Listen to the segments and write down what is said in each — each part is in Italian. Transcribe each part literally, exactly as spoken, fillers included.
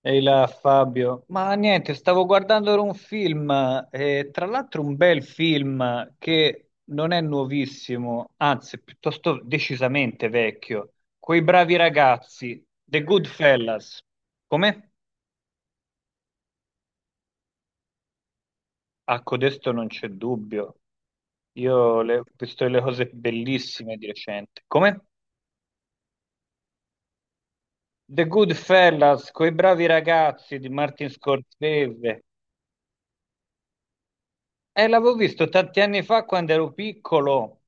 Ehi là Fabio, ma niente, stavo guardando ora un film, eh, tra l'altro un bel film che non è nuovissimo, anzi è piuttosto decisamente vecchio, Quei bravi ragazzi, The Good Fellas. Come? A codesto non c'è dubbio, io le- ho visto le cose bellissime di recente. Come? The Good Fellas, Quei bravi ragazzi di Martin Scorsese. Eh, l'avevo visto tanti anni fa quando ero piccolo,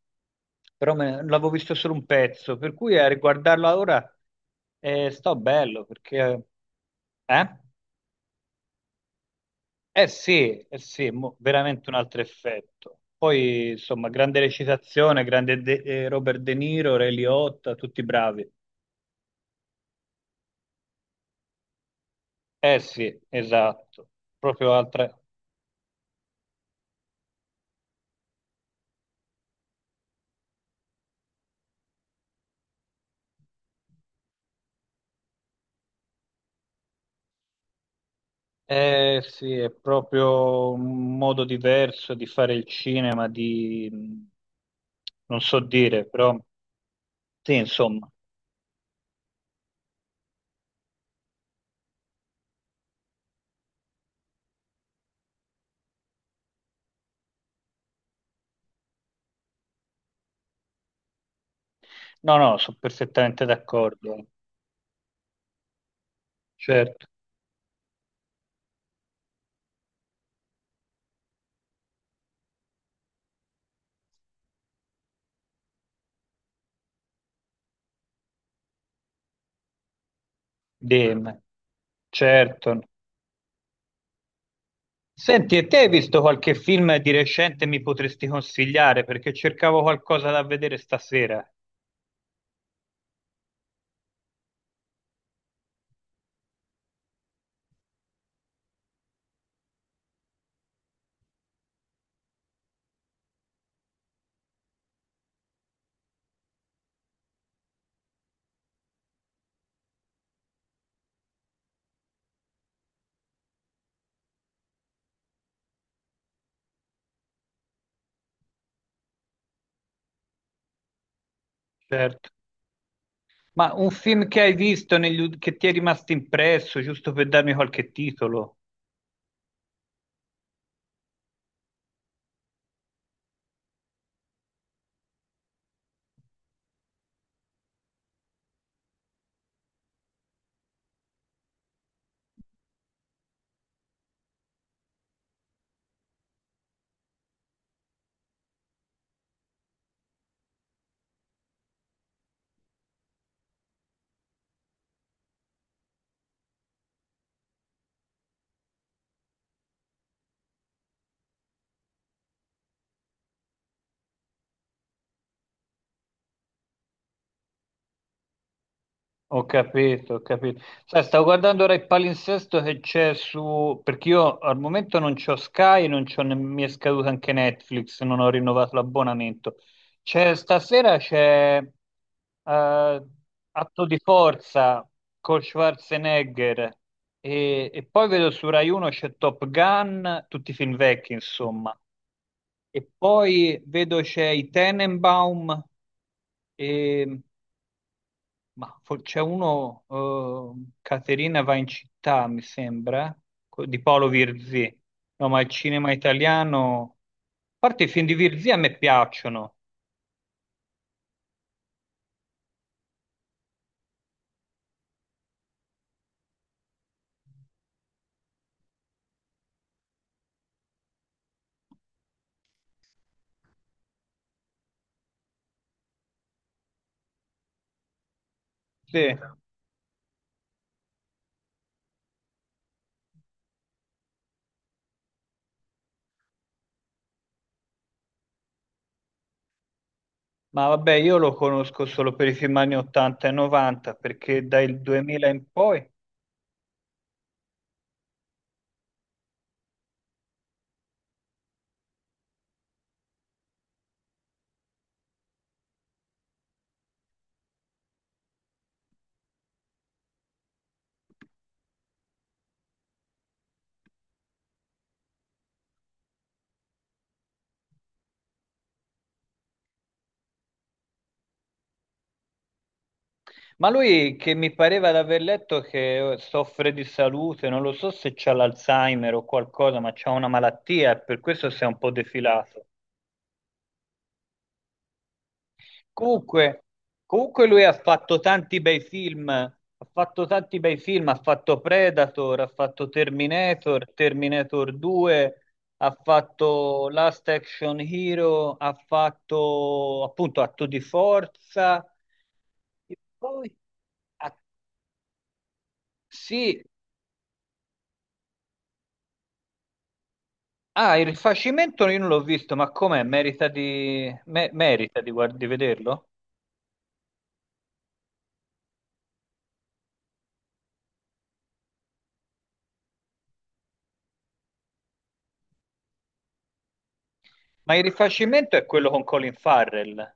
però me- l'avevo visto solo un pezzo, per cui a riguardarlo ora eh, sto bello perché... Eh? Eh sì, eh sì, mo- veramente un altro effetto. Poi, insomma, grande recitazione, grande De- eh, Robert De Niro, Ray Liotta, tutti bravi. Eh sì, esatto, proprio altra... Eh sì, è proprio un modo diverso di fare il cinema, di... non so dire, però sì, insomma. No, no, sono perfettamente d'accordo, certo, dimmi, certo. Senti, e te hai visto qualche film di recente mi potresti consigliare? Perché cercavo qualcosa da vedere stasera, certo. Ma un film che hai visto negli ul- che ti è rimasto impresso, giusto per darmi qualche titolo? Ho capito, ho capito. Sai, stavo guardando ora il palinsesto che c'è su... perché io al momento non c'ho Sky, non c'ho ne- mi è scaduto anche Netflix, non ho rinnovato l'abbonamento. C'è stasera c'è eh, Atto di forza con Schwarzenegger e, e poi vedo su Rai uno c'è Top Gun, tutti i film vecchi, insomma. E poi vedo c'è i Tenenbaum e ma for- c'è uno, eh, Caterina va in città, mi sembra, co- di Paolo Virzì. No, ma il cinema italiano... A parte i film di Virzì a me piacciono, sì. Ma vabbè, io lo conosco solo per i film anni ottanta e novanta, perché dal duemila in poi... Ma lui, che mi pareva di aver letto che eh, soffre di salute, non lo so se c'ha l'Alzheimer o qualcosa, ma c'ha una malattia, e per questo si è un po' defilato. Comunque, comunque lui ha fatto tanti bei film, ha fatto tanti bei film, ha fatto Predator, ha fatto Terminator, Terminator due, ha fatto Last Action Hero, ha fatto appunto Atto di Forza, e poi ah, sì, ah, il rifacimento io non l'ho visto, ma com'è? Merita di, me- merita di, guard- di vederlo? Ma il rifacimento è quello con Colin Farrell.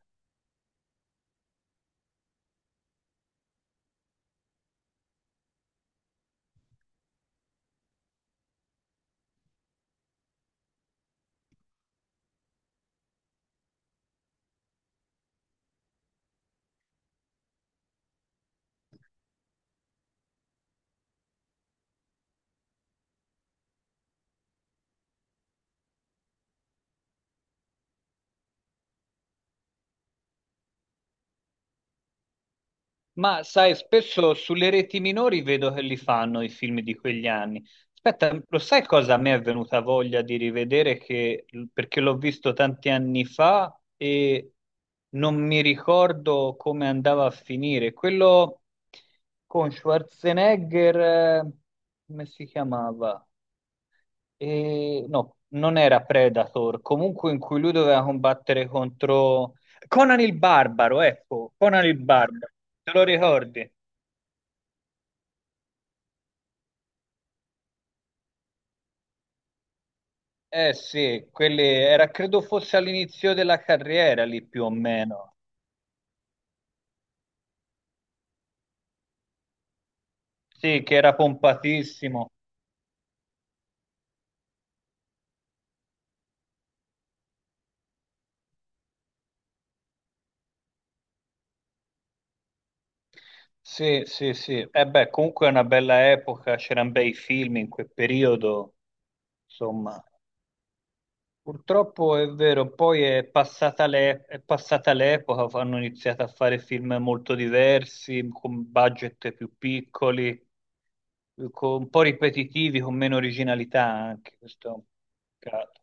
Ma sai, spesso sulle reti minori vedo che li fanno i film di quegli anni. Aspetta, lo sai cosa a me è venuta voglia di rivedere? Che, perché l'ho visto tanti anni fa e non mi ricordo come andava a finire. Quello con Schwarzenegger, eh, come si chiamava? E, no, non era Predator, comunque in cui lui doveva combattere contro Conan il Barbaro, ecco, Conan il Barbaro, te lo ricordi? Eh sì, quelli era, credo fosse all'inizio della carriera lì più o meno. Sì, che era pompatissimo. Sì, sì, sì. E beh, comunque è una bella epoca, c'erano bei film in quel periodo, insomma. Purtroppo è vero, poi è passata l'e- è passata l'epoca, hanno iniziato a fare film molto diversi, con budget più piccoli, con- un po' ripetitivi, con meno originalità anche, questo è un peccato.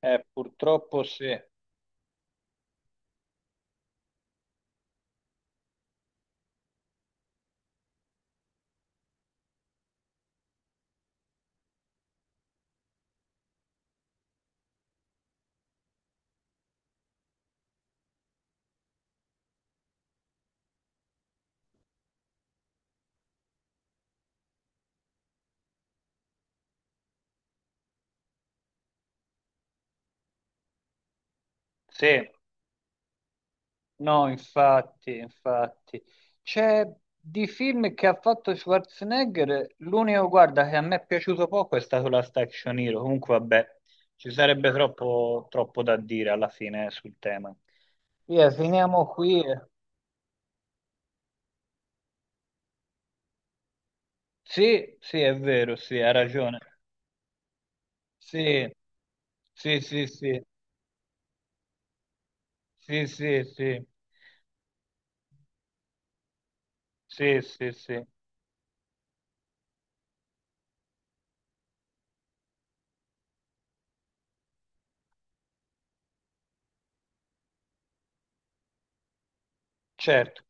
Eh, purtroppo sì, sì, no, infatti, infatti. C'è di film che ha fatto Schwarzenegger, l'unico, guarda, che a me è piaciuto poco è stato la Action Hero, comunque vabbè, ci sarebbe troppo, troppo da dire alla fine sul tema. Via, finiamo qui. Sì, sì, è vero, sì, ha ragione. Sì. Sì, sì, sì, sì, sì, sì, sì, sì, sì, certo.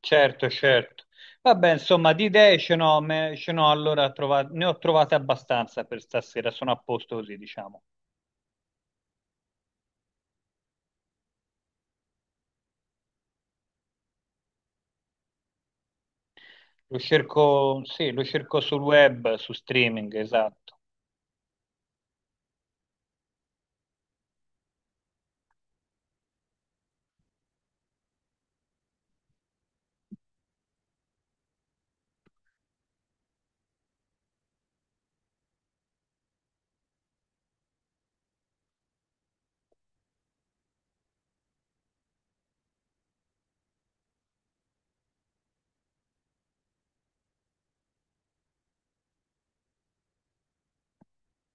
Certo, certo. Vabbè, insomma, di idee ce n'ho, me- ce n'ho allora trova- ne ho trovate abbastanza per stasera, sono a posto così, diciamo. Lo cerco, sì, lo cerco sul web, su streaming, esatto.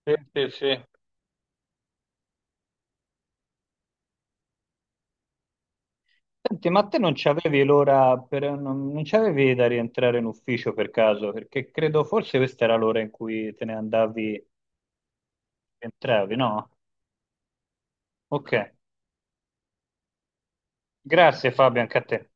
Sì, sì, sì. Senti, ma te non c'avevi l'ora per, non, non c'avevi da rientrare in ufficio per caso? Perché credo forse questa era l'ora in cui te ne andavi, entravi, no? Ok, grazie Fabio, anche a te.